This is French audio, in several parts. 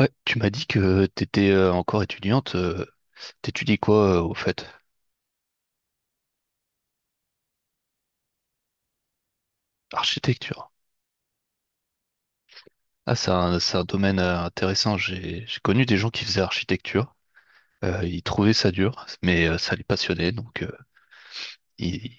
Ouais, tu m'as dit que t'étais encore étudiante. T'étudies quoi au fait? Architecture. Ah, c'est un domaine intéressant. J'ai connu des gens qui faisaient architecture. Ils trouvaient ça dur, mais ça les passionnait. Ils-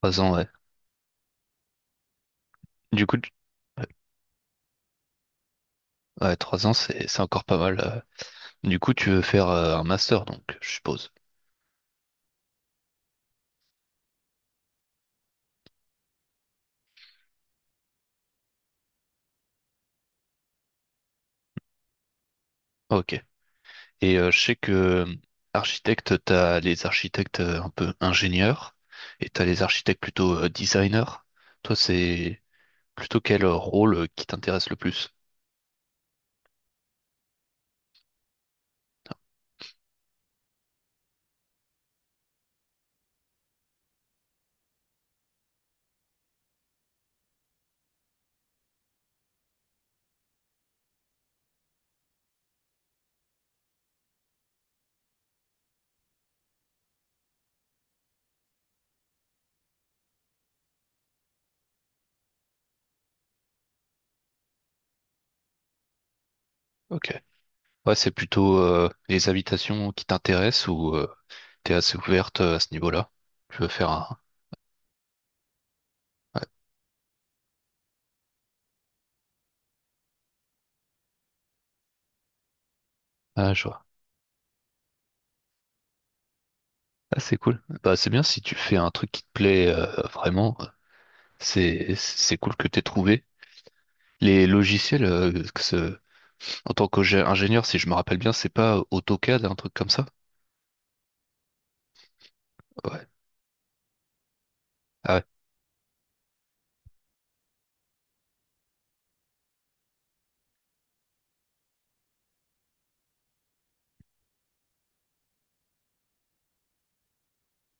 Trois ans, ouais. Du coup, tu- ouais, ouais, trois ans, c'est encore pas mal. Du coup, tu veux faire un master, donc, je suppose. Ok. Et je sais que architecte, t'as les architectes un peu ingénieurs et t'as les architectes plutôt designers. Toi, c'est Plutôt quel rôle qui t'intéresse le plus? Ok. Ouais, c'est plutôt les habitations qui t'intéressent ou t'es assez ouverte à ce niveau-là? Tu veux faire un... Ouais. Ah, je Ah, c'est cool. Bah, c'est bien si tu fais un truc qui te plaît vraiment. C'est cool que t'aies trouvé. Les logiciels, en tant qu'ingénieur, si je me rappelle bien, c'est pas AutoCAD, un truc comme ça? Ouais. Ah ouais,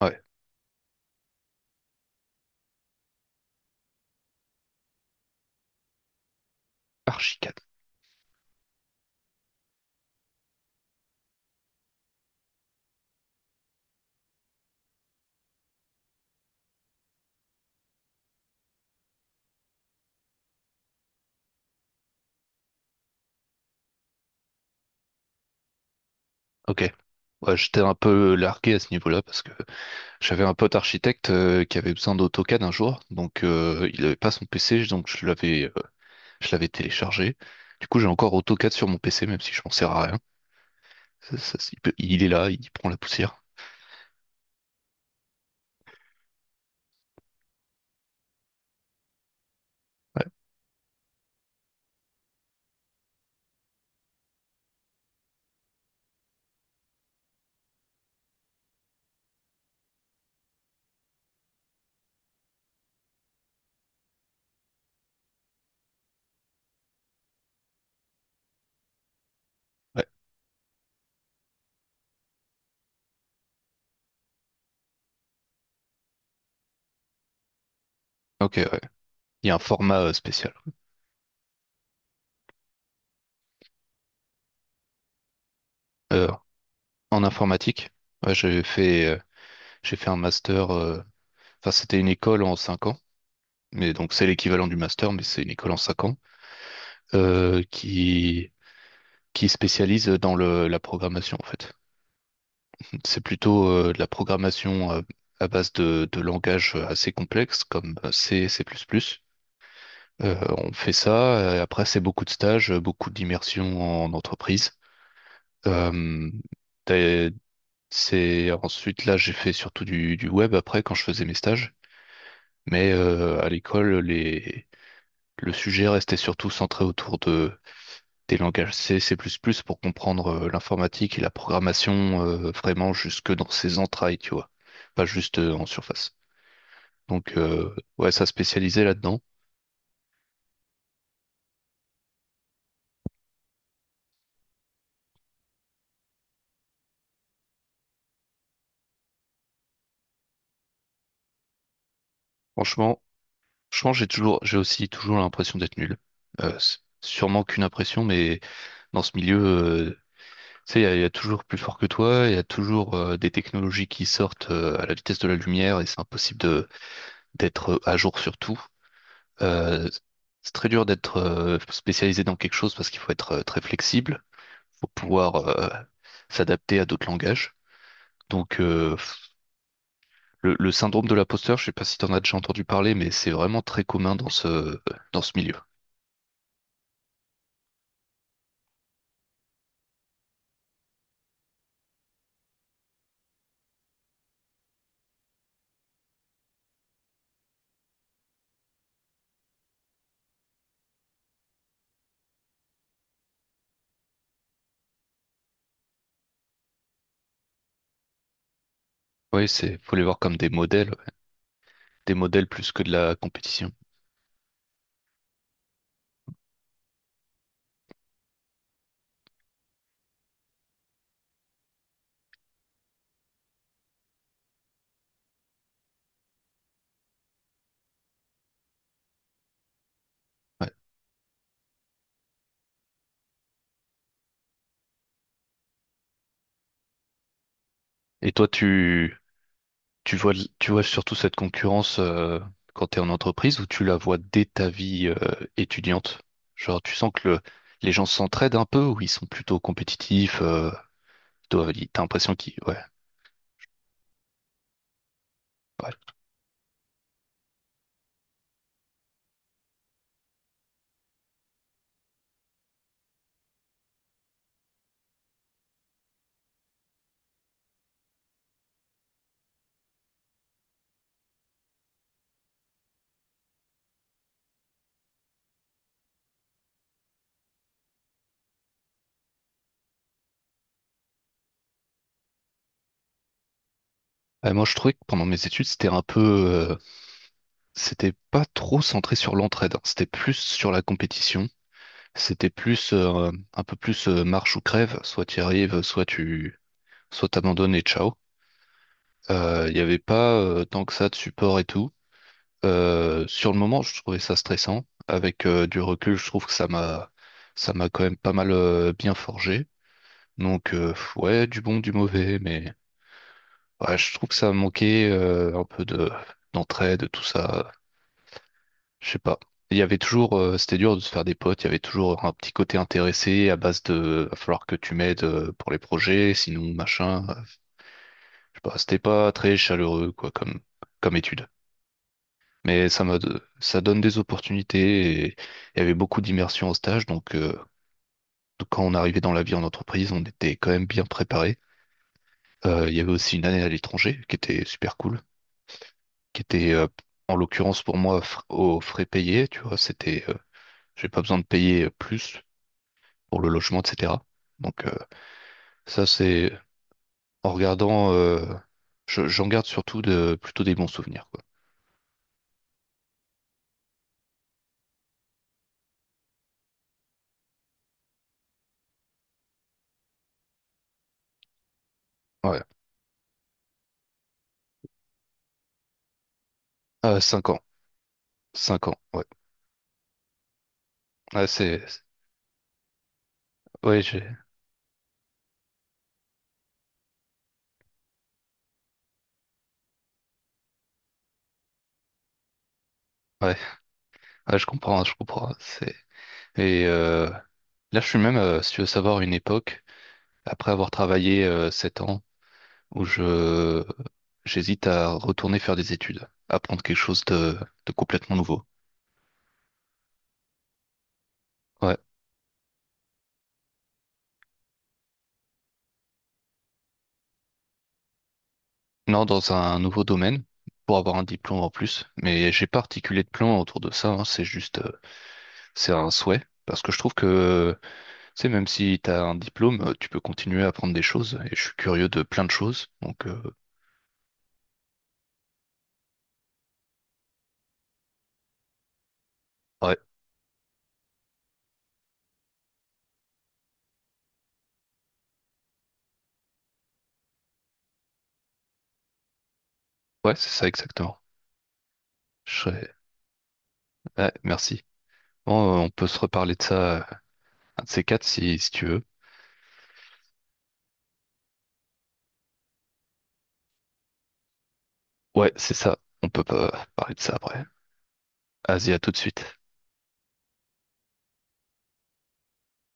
Ah ouais. Archicad. Ok. Ouais, j'étais un peu largué à ce niveau-là parce que j'avais un pote architecte qui avait besoin d'AutoCAD un jour, donc il n'avait pas son PC, donc je l'avais téléchargé. Du coup, j'ai encore AutoCAD sur mon PC, même si je m'en sers à rien. Il est là, il prend la poussière. Ouais. Ok, ouais. Il y a un format spécial. Euh, En informatique, ouais, j'ai fait un master. Enfin, c'était une école en cinq ans, mais donc c'est l'équivalent du master, mais c'est une école en cinq ans euh, qui qui spécialise dans la programmation en fait. C'est plutôt de la programmation à base de langages assez complexes comme C, C++. On fait ça. Après, c'est beaucoup de stages, beaucoup d'immersion en entreprise. Euh, C'est ensuite là j'ai fait surtout du web après quand je faisais mes stages. Mais à l'école, les... le sujet restait surtout centré autour de des langages C, C++ pour comprendre l'informatique et la programmation vraiment jusque dans ses entrailles, tu vois, pas juste en surface. Donc ouais, ça spécialisait là-dedans. Franchement, franchement, j'ai aussi toujours l'impression d'être nul. C'est sûrement qu'une impression, mais dans ce milieu, tu sais, il y a toujours plus fort que toi, il y a toujours des technologies qui sortent à la vitesse de la lumière et c'est impossible de d'être à jour sur tout. Euh, c'est très dur d'être spécialisé dans quelque chose parce qu'il faut être très flexible, faut pouvoir s'adapter à d'autres langages. Donc, le syndrome de l'imposteur, je sais pas si tu en as déjà entendu parler, mais c'est vraiment très commun dans ce milieu. Oui, c'est, faut les voir comme des modèles plus que de la compétition. Ouais. Et toi, tu, Tu vois, tu vois surtout cette concurrence quand tu es en entreprise ou tu la vois dès ta vie étudiante? Genre, tu sens que le- Les gens s'entraident un peu ou ils sont plutôt compétitifs, t'as l'impression qu'ils... Ouais, ouais. Ouais, moi, je trouvais que pendant mes études, c'était un peu... c'était pas trop centré sur l'entraide, hein. C'était plus sur la compétition. C'était plus un peu plus marche ou crève. Soit tu y arrives, soit tu Soit t'abandonnes et ciao. Il y avait pas tant que ça de support et tout. Sur le moment, je trouvais ça stressant. Avec du recul, je trouve que ça m'a quand même pas mal bien forgé. Donc ouais, du bon, du mauvais, mais ouais, je trouve que ça manquait un peu de d'entraide, tout ça. Je sais pas. Il y avait toujours, c'était dur de se faire des potes. Il y avait toujours un petit côté intéressé à base de, va falloir que tu m'aides pour les projets, sinon machin. Je sais pas, c'était pas très chaleureux quoi comme étude. Mais ça m'a, Ça donne des opportunités et il y avait beaucoup d'immersion au stage. Donc quand on arrivait dans la vie en entreprise, on était quand même bien préparé. Il y avait aussi une année à l'étranger qui était super cool, qui était en l'occurrence pour moi aux frais payés. Tu vois, c'était, j'ai pas besoin de payer plus pour le logement, etc. Donc ça, c'est en regardant, j'en garde surtout de plutôt des bons souvenirs, quoi. Ouais, Euh, cinq ans, cinq ans. Ouais, ouais, c'est, ouais, j'ai, ouais. Ah, je comprends, je comprends. C'est... Et là, je suis même, si tu veux savoir, une époque, après avoir travaillé 7 ans, où je j'hésite à retourner faire des études, apprendre quelque chose de complètement nouveau. Ouais. Non, dans un nouveau domaine, pour avoir un diplôme en plus. Mais j'ai pas articulé de plan autour de ça, hein, c'est juste, c'est un souhait. Parce que je trouve que, tu sais, même si tu as un diplôme, tu peux continuer à apprendre des choses. Et je suis curieux de plein de choses. Donc, ouais, ouais, c'est ça exactement. Je serais Ouais, merci. Bon, on peut se reparler de ça, un de ces quatre, si tu veux. Ouais, c'est ça. On peut pas parler de ça après. Vas-y, à tout de suite.